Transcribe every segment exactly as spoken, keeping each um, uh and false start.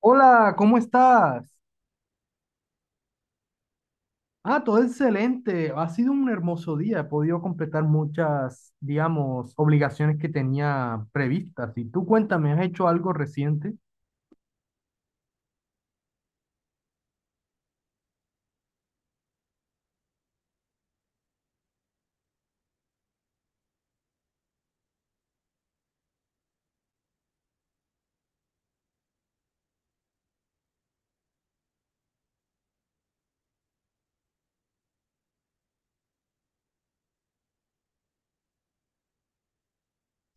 Hola, ¿cómo estás? Ah, todo excelente. Ha sido un hermoso día. He podido completar muchas, digamos, obligaciones que tenía previstas. Y tú cuéntame, ¿has hecho algo reciente?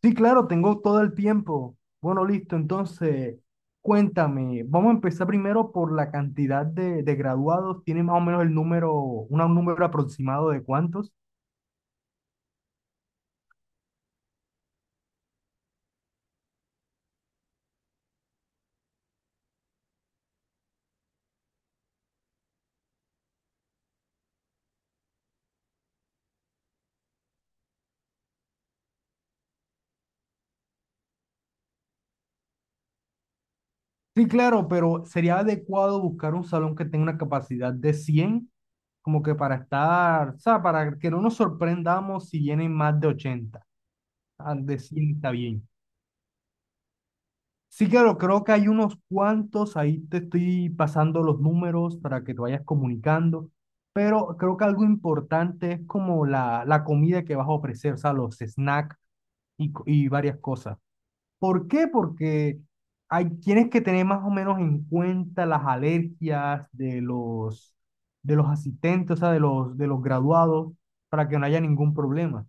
Sí, claro, tengo todo el tiempo. Bueno, listo. Entonces, cuéntame. Vamos a empezar primero por la cantidad de, de graduados. ¿Tiene más o menos el número, una- un número aproximado de cuántos? Sí, claro, pero sería adecuado buscar un salón que tenga una capacidad de cien, como que para estar, o sea, para que no nos sorprendamos si vienen más de ochenta. Ah, de cien está bien. Sí, claro, creo que hay unos cuantos, ahí te estoy pasando los números para que te vayas comunicando, pero creo que algo importante es como la, la comida que vas a ofrecer, o sea, los snacks y, co- y varias cosas. ¿Por qué? Porque hay, tienes que tener más o menos en cuenta las alergias de los, de los asistentes, o sea, de los, de los graduados, para que no haya ningún problema.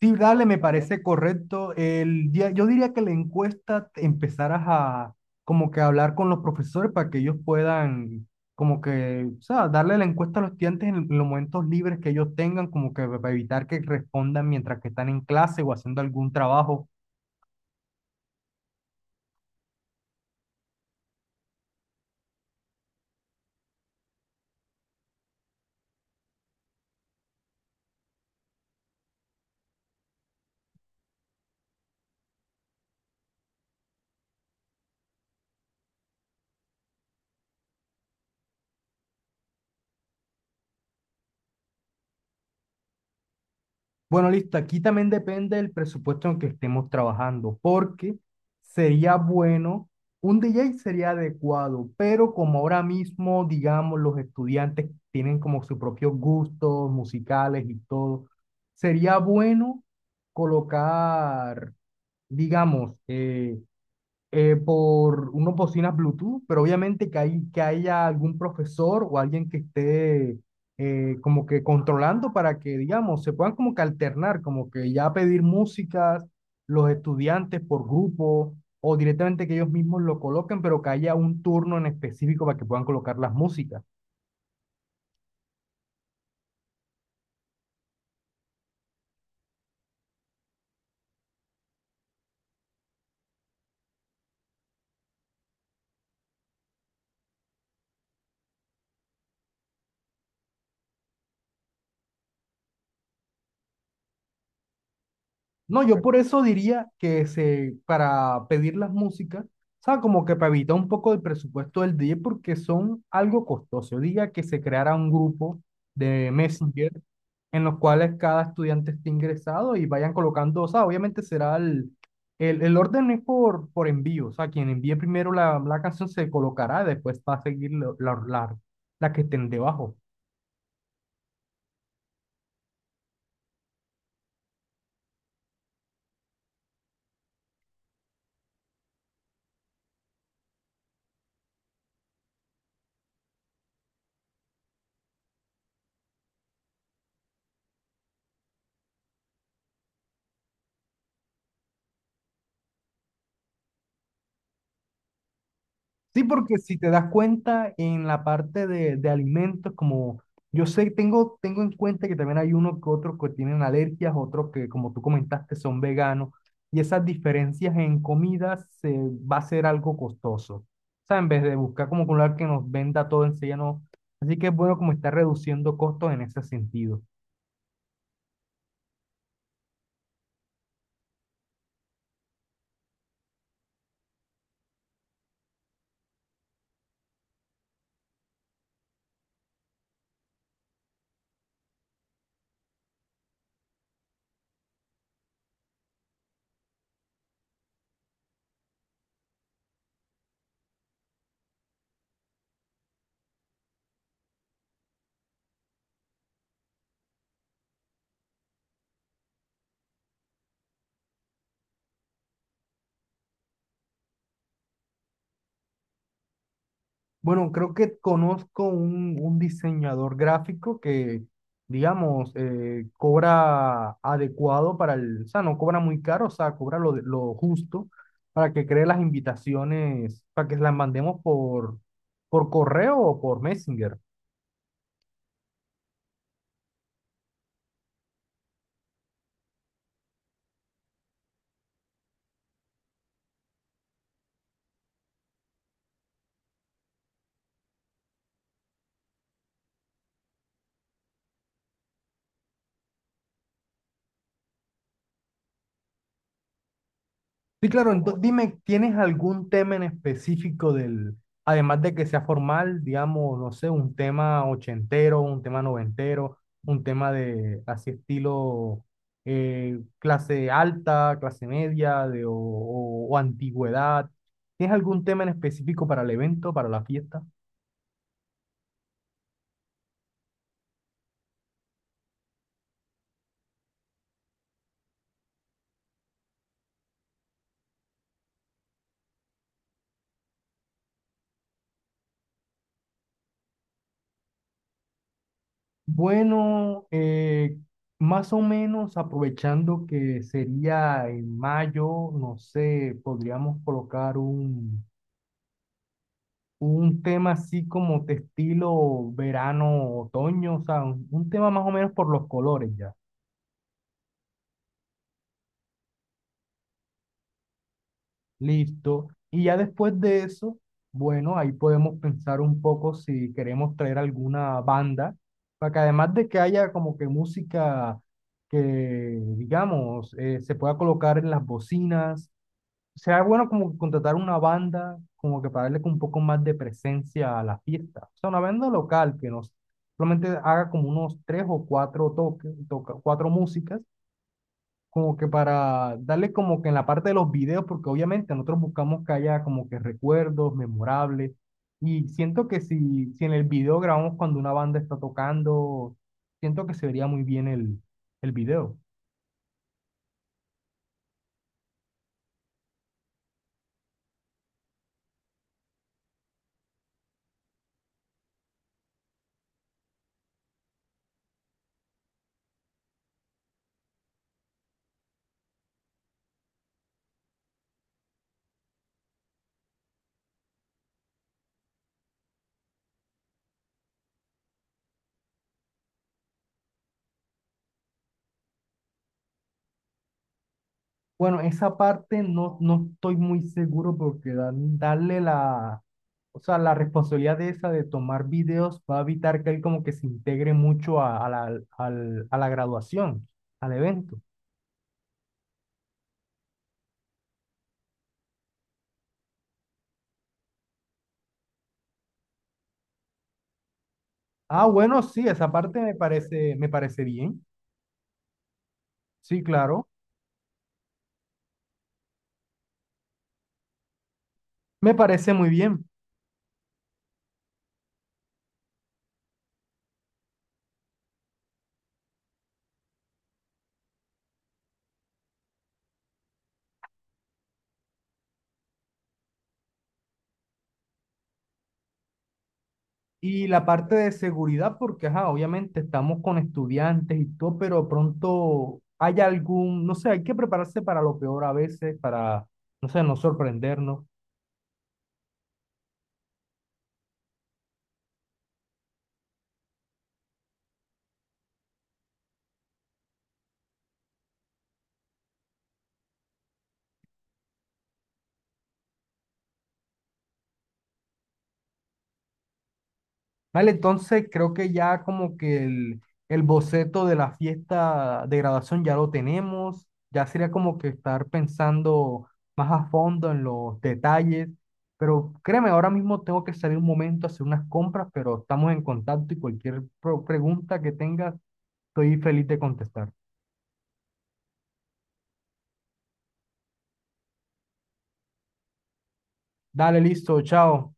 Sí, dale, me parece correcto. El, día- yo diría que la encuesta te- empezaras a como que hablar con los profesores para que ellos puedan como que, o sea, darle la encuesta a los estudiantes en los momentos libres que ellos tengan, como que para evitar que respondan mientras que están en clase o haciendo algún trabajo. Bueno, listo. Aquí también depende del presupuesto en el que estemos trabajando, porque sería bueno, un D J sería adecuado, pero como ahora mismo, digamos, los estudiantes tienen como sus propios gustos musicales y todo, sería bueno colocar, digamos, eh, eh, por unas bocinas Bluetooth, pero obviamente que, hay, que haya algún profesor o alguien que esté eh, como que controlando para que, digamos, se puedan como que alternar, como que ya pedir músicas los estudiantes por grupo o directamente que ellos mismos lo coloquen, pero que haya un turno en específico para que puedan colocar las músicas. No, yo por eso diría que se, para pedir las músicas, ¿sabes? Como que para evitar un poco el presupuesto del D J porque son algo costoso. Yo diría que se creara un grupo de Messenger en los cuales cada estudiante esté ingresado y vayan colocando, o sea, obviamente será el, el, el orden es por, por envío, o sea, quien envíe primero la, la canción se colocará, después va a seguir lo- la, la, la que estén debajo. Sí, porque si te das cuenta en la parte de, de alimentos, como yo sé, tengo, tengo en cuenta que también hay unos que otros que tienen alergias, otros que, como tú comentaste, son veganos, y esas diferencias en comidas se, va a ser algo costoso. O sea, en vez de buscar como un lugar que nos venda todo enseguida, no. Así que es bueno como está reduciendo costos en ese sentido. Bueno, creo que conozco un, un diseñador gráfico que, digamos, eh, cobra adecuado para el, o sea, no cobra muy caro, o sea, cobra lo, de- lo justo para que cree las invitaciones, para que las mandemos por, por correo o por Messenger. Sí, claro, ento- dime, ¿tienes algún tema en específico del, además de que sea formal, digamos, no sé, un tema ochentero, un tema noventero, un tema de así estilo eh, clase alta, clase media de, o, o- o antigüedad? ¿Tienes algún tema en específico para el evento, para la fiesta? Bueno, eh, más o menos aprovechando que sería en mayo, no sé, podríamos colocar un... un tema así como de estilo verano, otoño, o sea, un, un tema más o menos por los colores ya. Listo. Y ya después de eso, bueno, ahí podemos pensar un poco si queremos traer alguna banda, para que además de que haya como que música que, digamos, eh, se pueda colocar en las bocinas. Será bueno como contratar una banda, como que para darle como un poco más de presencia a la fiesta. O sea, una banda local que nos solamente haga como unos tres o cuatro toques, toca, cuatro músicas, como que para darle como que en la parte de los videos, porque obviamente nosotros buscamos que haya como que recuerdos memorables. Y siento que si, si en el video grabamos cuando una banda está tocando, siento que se vería muy bien el, el video. Bueno, esa parte no, no estoy muy seguro porque dan- darle la, o sea, la responsabilidad de esa de tomar videos va a evitar que él como que se integre mucho a, a la, al- a la graduación, al evento. Ah, bueno, sí, esa parte me parece, me parece bien. Sí, claro, me parece muy bien. Y la parte de seguridad, porque, ajá, obviamente estamos con estudiantes y todo, pero pronto hay algún, no sé, hay que prepararse para lo peor a veces, para, no sé, no sorprendernos. Vale, entonces creo que ya como que el, el boceto de la fiesta de graduación ya lo tenemos, ya sería como que estar pensando más a fondo en los detalles, pero créeme, ahora mismo tengo que salir un momento a hacer unas compras, pero estamos en contacto y cualquier pro- pregunta que tengas, estoy feliz de contestar. Dale, listo, chao.